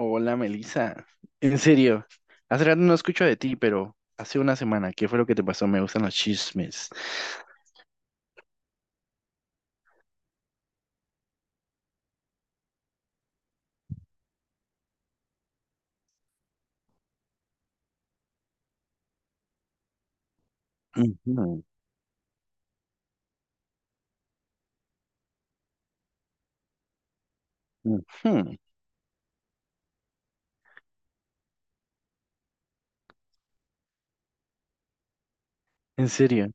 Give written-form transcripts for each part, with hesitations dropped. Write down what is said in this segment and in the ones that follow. Hola, Melissa. En serio, hace rato no escucho de ti, pero hace una semana, ¿qué fue lo que te pasó? Me gustan los chismes. Ujú, ujú. En serio,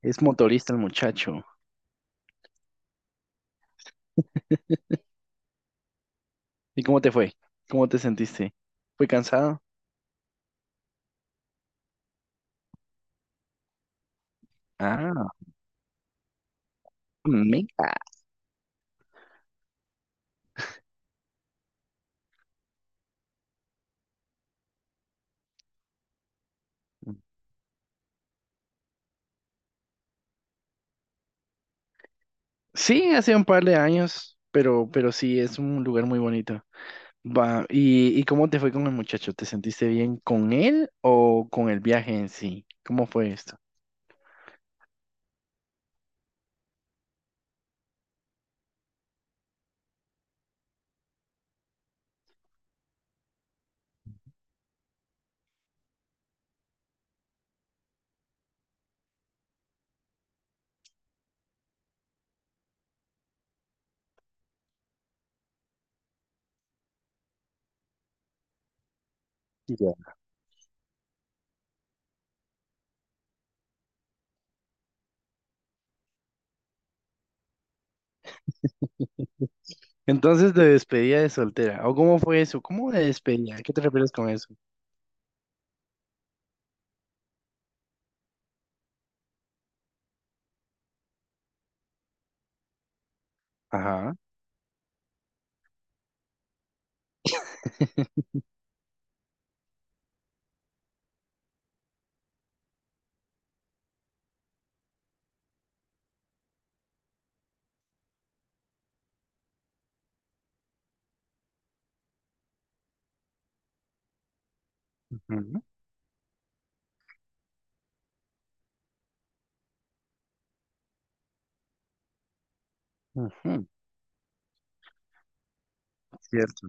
es motorista el muchacho. ¿Y cómo te fue? ¿Cómo te sentiste? ¿Fue cansado? Ah, mega. Sí, hace un par de años, pero sí, es un lugar muy bonito. Va, ¿y cómo te fue con el muchacho? ¿Te sentiste bien con él o con el viaje en sí? ¿Cómo fue esto? Ya. Entonces, de despedida de soltera. ¿O cómo fue eso? ¿Cómo de despedida? ¿A qué te refieres con eso? Ajá. Ujú, ujú. Cierto,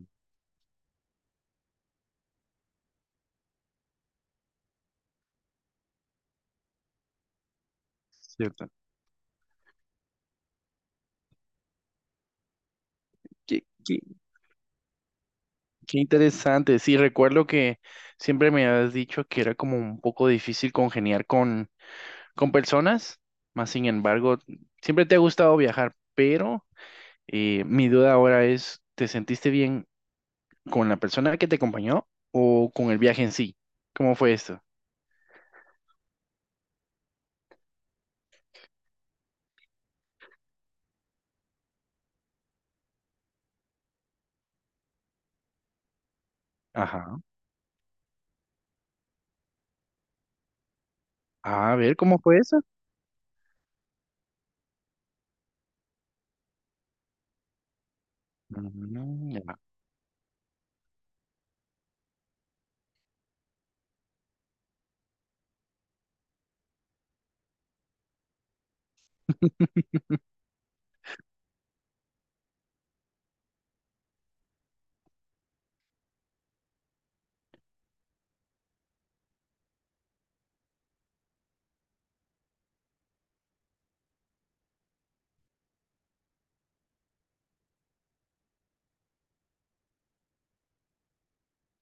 cierto. Qué, qué- Qué interesante. Sí, recuerdo que siempre me habías dicho que era como un poco difícil congeniar con personas, más sin embargo, siempre te ha gustado viajar, pero mi duda ahora es, ¿te sentiste bien? ¿Con la persona que te acompañó o con el viaje en sí? ¿Cómo fue eso? Ajá. A ver, ¿cómo fue eso? Mm, ya.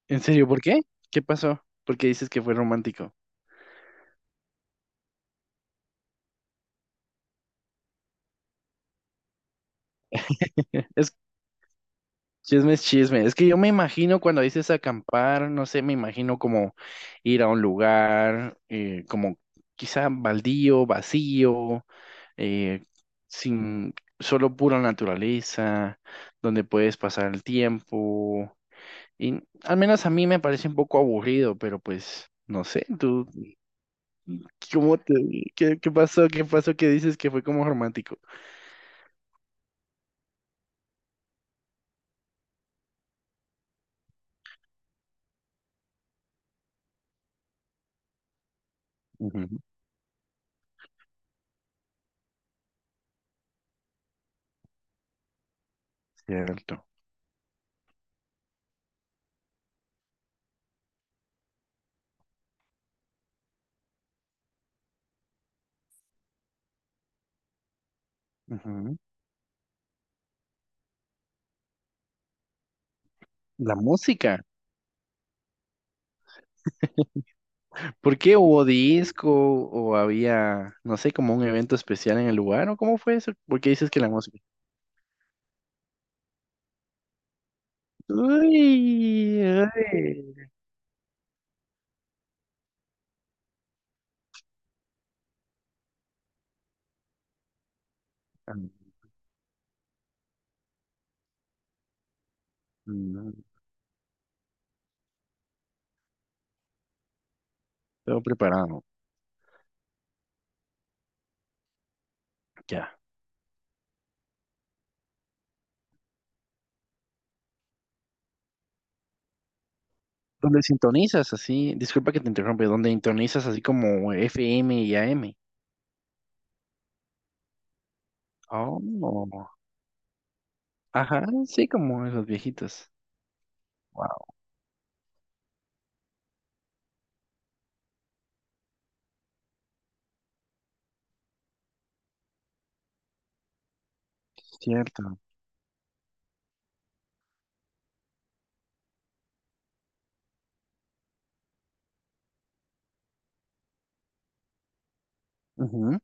¿En serio? ¿Por qué? ¿Qué pasó? ¿Por qué dices que fue romántico? Es chisme, es chisme. Es que yo me imagino cuando dices acampar, no sé, me imagino como ir a un lugar, como quizá baldío, vacío, eh, sin solo pura naturaleza, donde puedes pasar el tiempo. Y al menos a mí me parece un poco aburrido, pero pues no sé, tú, ¿cómo te, qué pasó? ¿Qué pasó que dices que fue como romántico? Ujú, cierto. Ujú. La música. ¿Por qué hubo disco o había, no sé, como un evento especial en el lugar o cómo fue eso? ¿Por qué dices que la música? Uy, ay. Ah, mm, todo preparado. Ya. ¿Dónde sintonizas así? Disculpa que te interrumpe. ¿Dónde sintonizas así como FM y AM? Oh, ajá, sí, como los viejitos. Wow. Cierto. Ujú.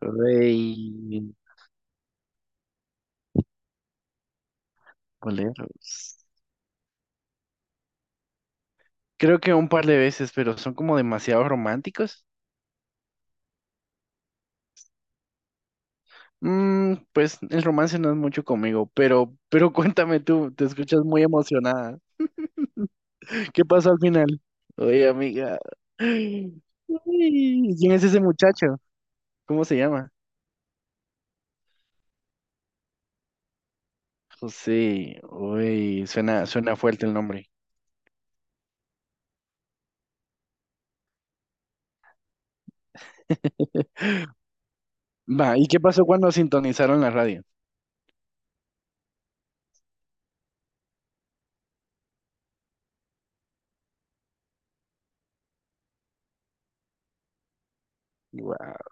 Rey boleros. Creo que un par de veces, pero son como demasiado románticos. Mm, pues el romance no es mucho conmigo, pero cuéntame tú, te escuchas muy emocionada. ¿Qué pasó al final? Oye, amiga. Ay, ¿quién es ese muchacho? ¿Cómo se llama? José. Uy, suena, suena fuerte el nombre. Va, ¿y qué pasó cuando sintonizaron la radio? Guau.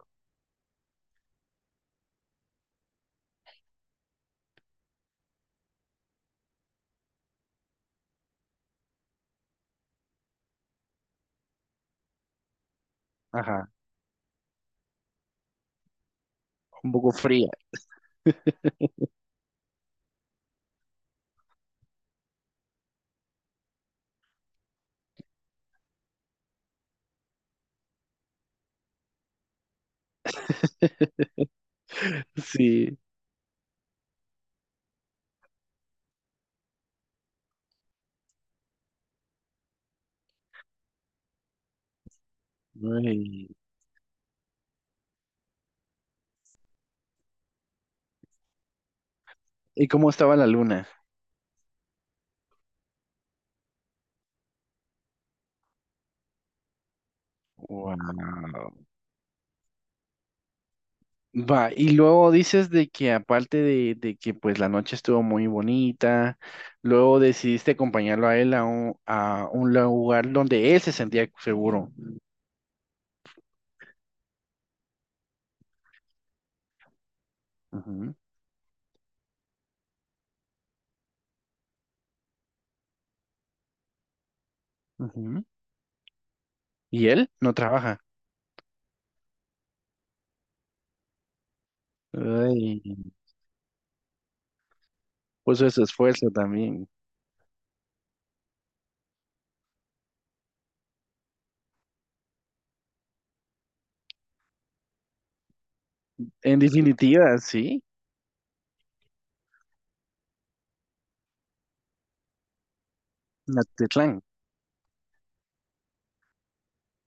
Ajá, un poco fría. Sí. Ay, ¿y cómo estaba la luna? Wow. Va, y luego dices de que aparte de que pues la noche estuvo muy bonita, luego decidiste acompañarlo a él a a un lugar donde él se sentía seguro. Ujú, ujú. Y él no trabaja. Ay, puso ese esfuerzo también. En definitiva, sí, Natitlán.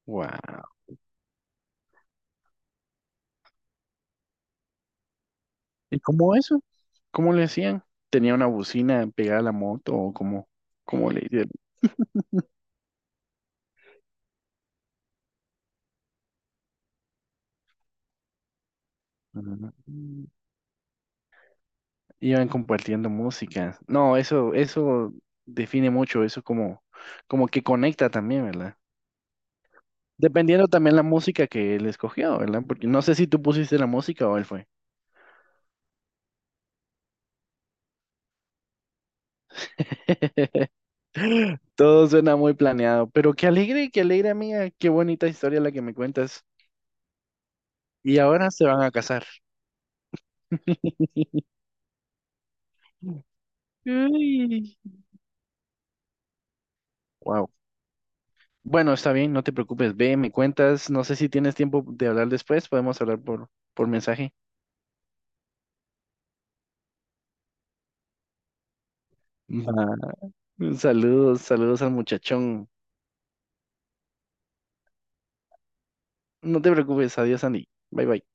Wow. ¿Y cómo eso? ¿Cómo le hacían? ¿Tenía una bocina pegada a la moto o cómo, cómo le hicieron? Mm, iban compartiendo música. No, eso define mucho, eso como, como que conecta también, ¿verdad? Dependiendo también la música que él escogió, ¿verdad? Porque no sé si tú pusiste la música o él fue. Todo suena muy planeado, pero qué alegre, amiga, qué bonita historia la que me cuentas. Y ahora se van a casar. Uy. Wow. Bueno, está bien, no te preocupes, ve, me cuentas, no sé si tienes tiempo de hablar después, podemos hablar por mensaje. Va. Saludos, saludos al muchachón. No te preocupes, adiós Andy, bye bye.